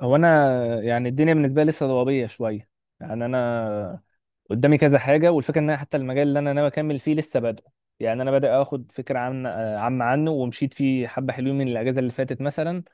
هو انا يعني الدنيا بالنسبه لي لسه ضبابيه شويه. يعني انا قدامي كذا حاجه، والفكره ان انا حتى المجال اللي انا ناوي اكمل فيه لسه بادئ. يعني انا بادئ اخد فكره عامه عنه، ومشيت فيه حبه حلوين من الاجازه اللي فاتت مثلا،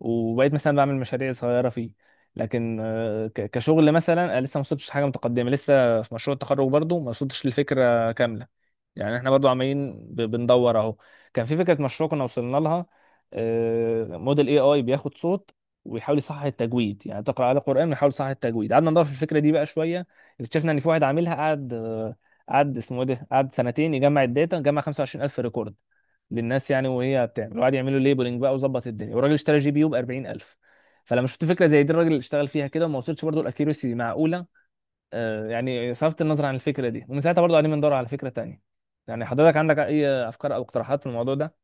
وبقيت مثلا بعمل مشاريع صغيره فيه. لكن كشغل مثلا أنا لسه ما وصلتش حاجه متقدمه، لسه في مشروع التخرج برضه ما وصلتش للفكره كامله. يعني احنا برضو عمالين بندور اهو. كان في فكره مشروع كنا وصلنا لها. موديل اي اي بياخد صوت ويحاول يصحح التجويد، يعني تقرا على قران ويحاول يصحح التجويد. قعدنا ندور في الفكره دي بقى شويه. اكتشفنا ان في واحد عاملها، قعد اسمه ايه ده، قعد سنتين يجمع الداتا، جمع 25000 ريكورد للناس، يعني وهي بتعمل، وقعد يعملوا ليبلنج بقى وظبط الدنيا، والراجل اشترى جي بي يو ب 40000. فلما شفت فكره زي دي الراجل اشتغل فيها كده وما وصلش برضه الاكيرسي معقوله. يعني صرفت النظر عن الفكره دي، ومن ساعتها برضو قاعدين بندور على فكره تانية. يعني حضرتك عندك اي افكار او اقتراحات في الموضوع ده؟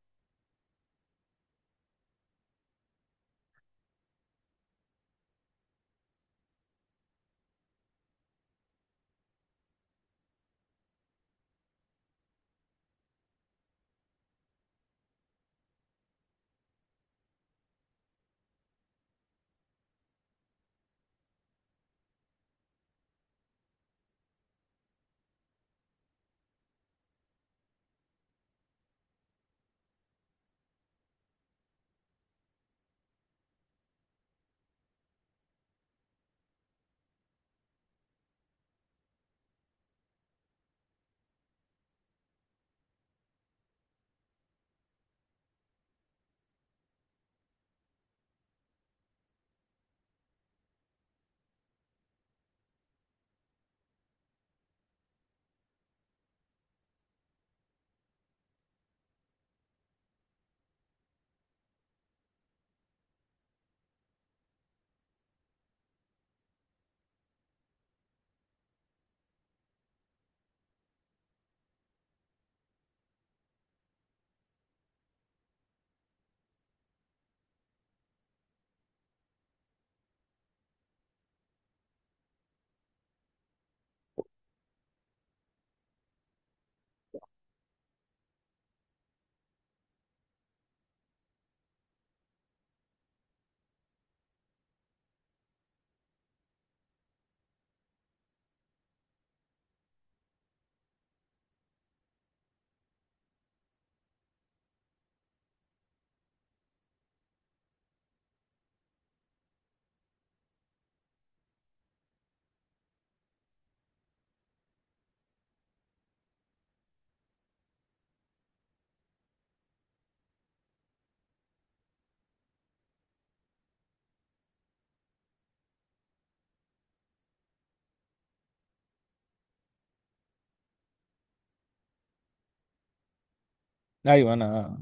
ايوه، انا.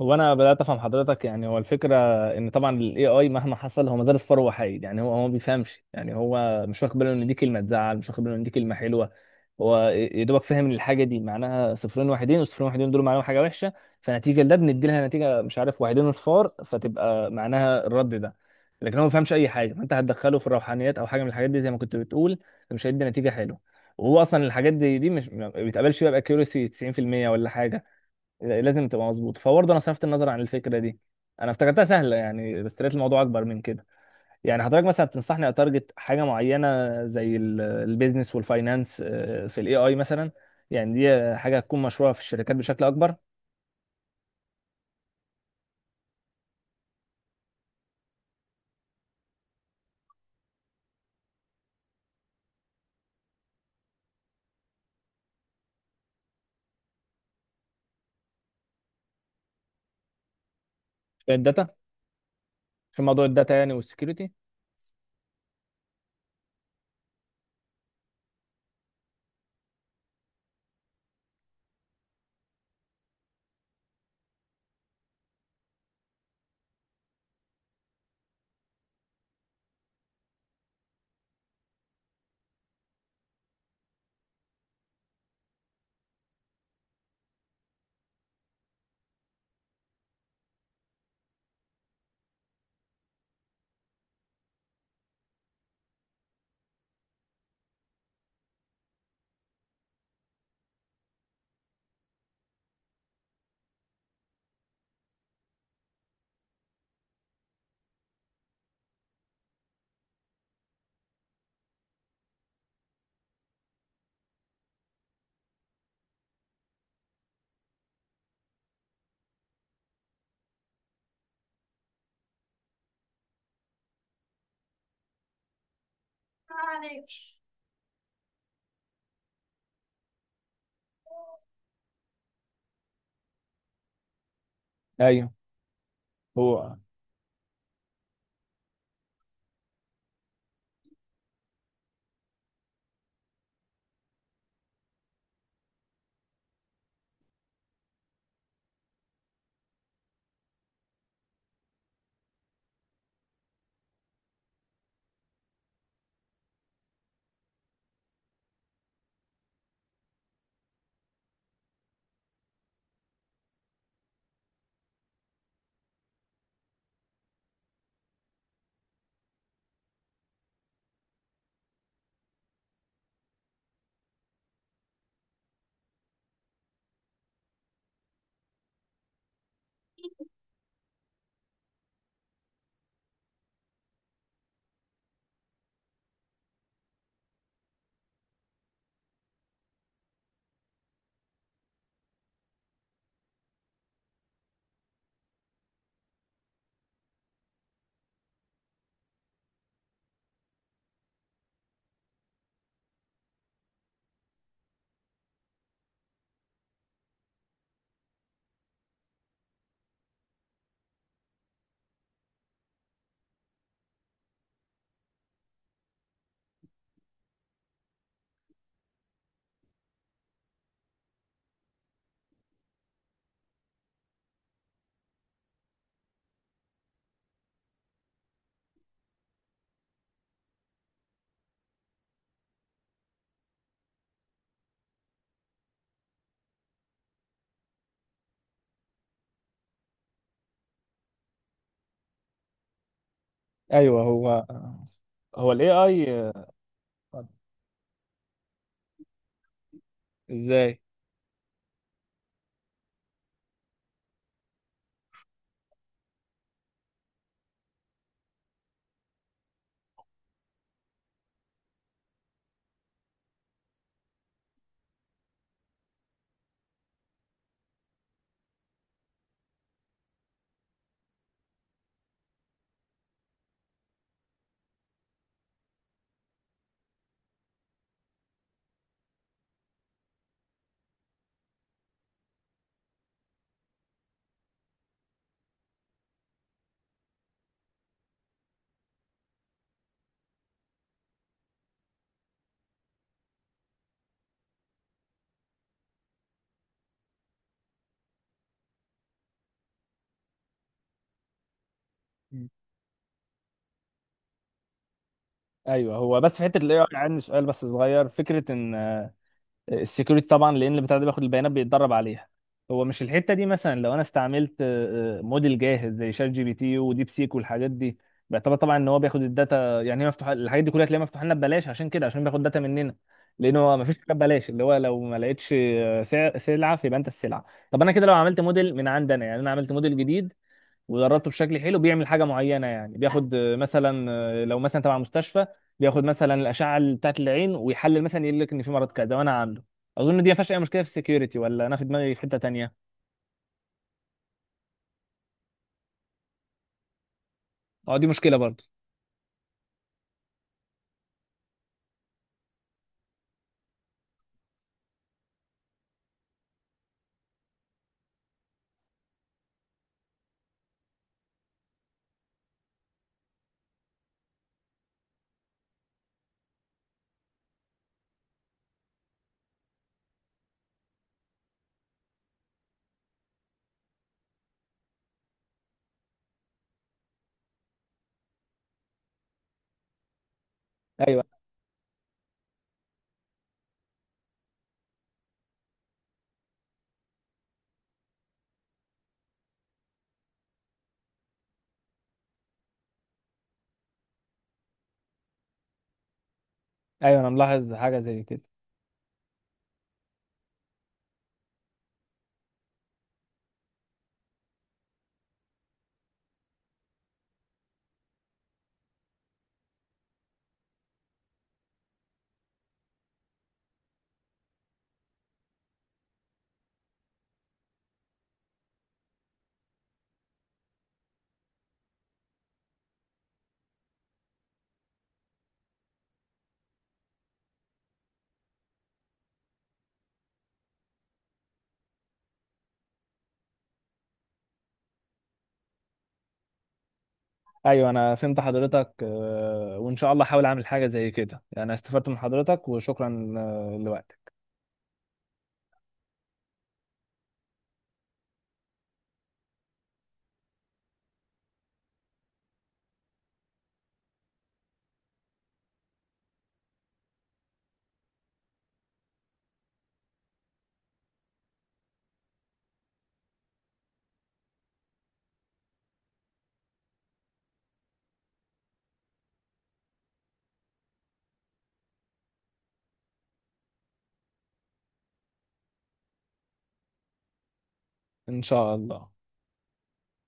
هو انا بدات افهم حضرتك، يعني هو الفكره ان طبعا الاي اي مهما حصل هو ما زال صفر وحيد. يعني هو ما بيفهمش، يعني هو مش واخد باله ان دي كلمه تزعل، مش واخد باله ان دي كلمه حلوه. هو يا دوبك فاهم ان الحاجه دي معناها صفرين واحدين، والصفرين واحدين دول معناهم حاجه وحشه. فنتيجه لده بندي لها نتيجه، مش عارف، واحدين اصفار، فتبقى معناها الرد ده. لكن هو ما فهمش اي حاجه، فانت هتدخله في الروحانيات او حاجه من الحاجات دي زي ما كنت بتقول، فمش هيدي نتيجه حلوه. وهو اصلا الحاجات دي مش ما بيتقبلش بقى باكيورسي 90% ولا حاجه، لازم تبقى مظبوط. فبرضه انا صرفت النظر عن الفكره دي. انا افتكرتها سهله يعني، بس لقيت الموضوع اكبر من كده. يعني حضرتك مثلا بتنصحني اتارجت حاجه معينه زي البيزنس والفاينانس، في الاي اي مثلا؟ يعني دي حاجه هتكون مشروعه في الشركات بشكل اكبر. الداتا، في موضوع الداتا يعني، والسكيورتي. ايوه، هو. ايوه، هو الاي اي. ازاي؟ مم. ايوه، هو بس في حته الاي اي عندي سؤال بس صغير، فكره ان السكيورتي طبعا، لان البتاع ده بياخد البيانات بيتدرب عليها، هو مش الحته دي مثلا لو انا استعملت موديل جاهز زي شات جي بي تي وديب سيك والحاجات دي، بيعتبر طبعا ان هو بياخد الداتا. يعني هي مفتوحه، الحاجات دي كلها تلاقيها مفتوحه لنا ببلاش، عشان كده، عشان بياخد داتا مننا، لان هو ما فيش حاجه ببلاش، اللي هو لو ما لقيتش سلعه فيبقى انت السلعه. طب انا كده لو عملت موديل من عندنا، يعني انا عملت موديل جديد ودربته بشكل حلو بيعمل حاجه معينه، يعني بياخد مثلا، لو مثلا تبع مستشفى، بياخد مثلا الاشعه بتاعت العين ويحلل، مثلا يقول لك ان في مرض كذا وانا عامله. اظن دي ما فيهاش اي مشكله في السكيورتي، ولا انا في دماغي في حته تانية؟ اه، دي مشكله برضه. ايوه. ايوه، انا ملاحظ حاجه زي كده. ايوه، انا فهمت حضرتك. وان شاء الله احاول اعمل حاجه زي كده، يعني استفدت من حضرتك. وشكرا لوقتك. ان شاء الله.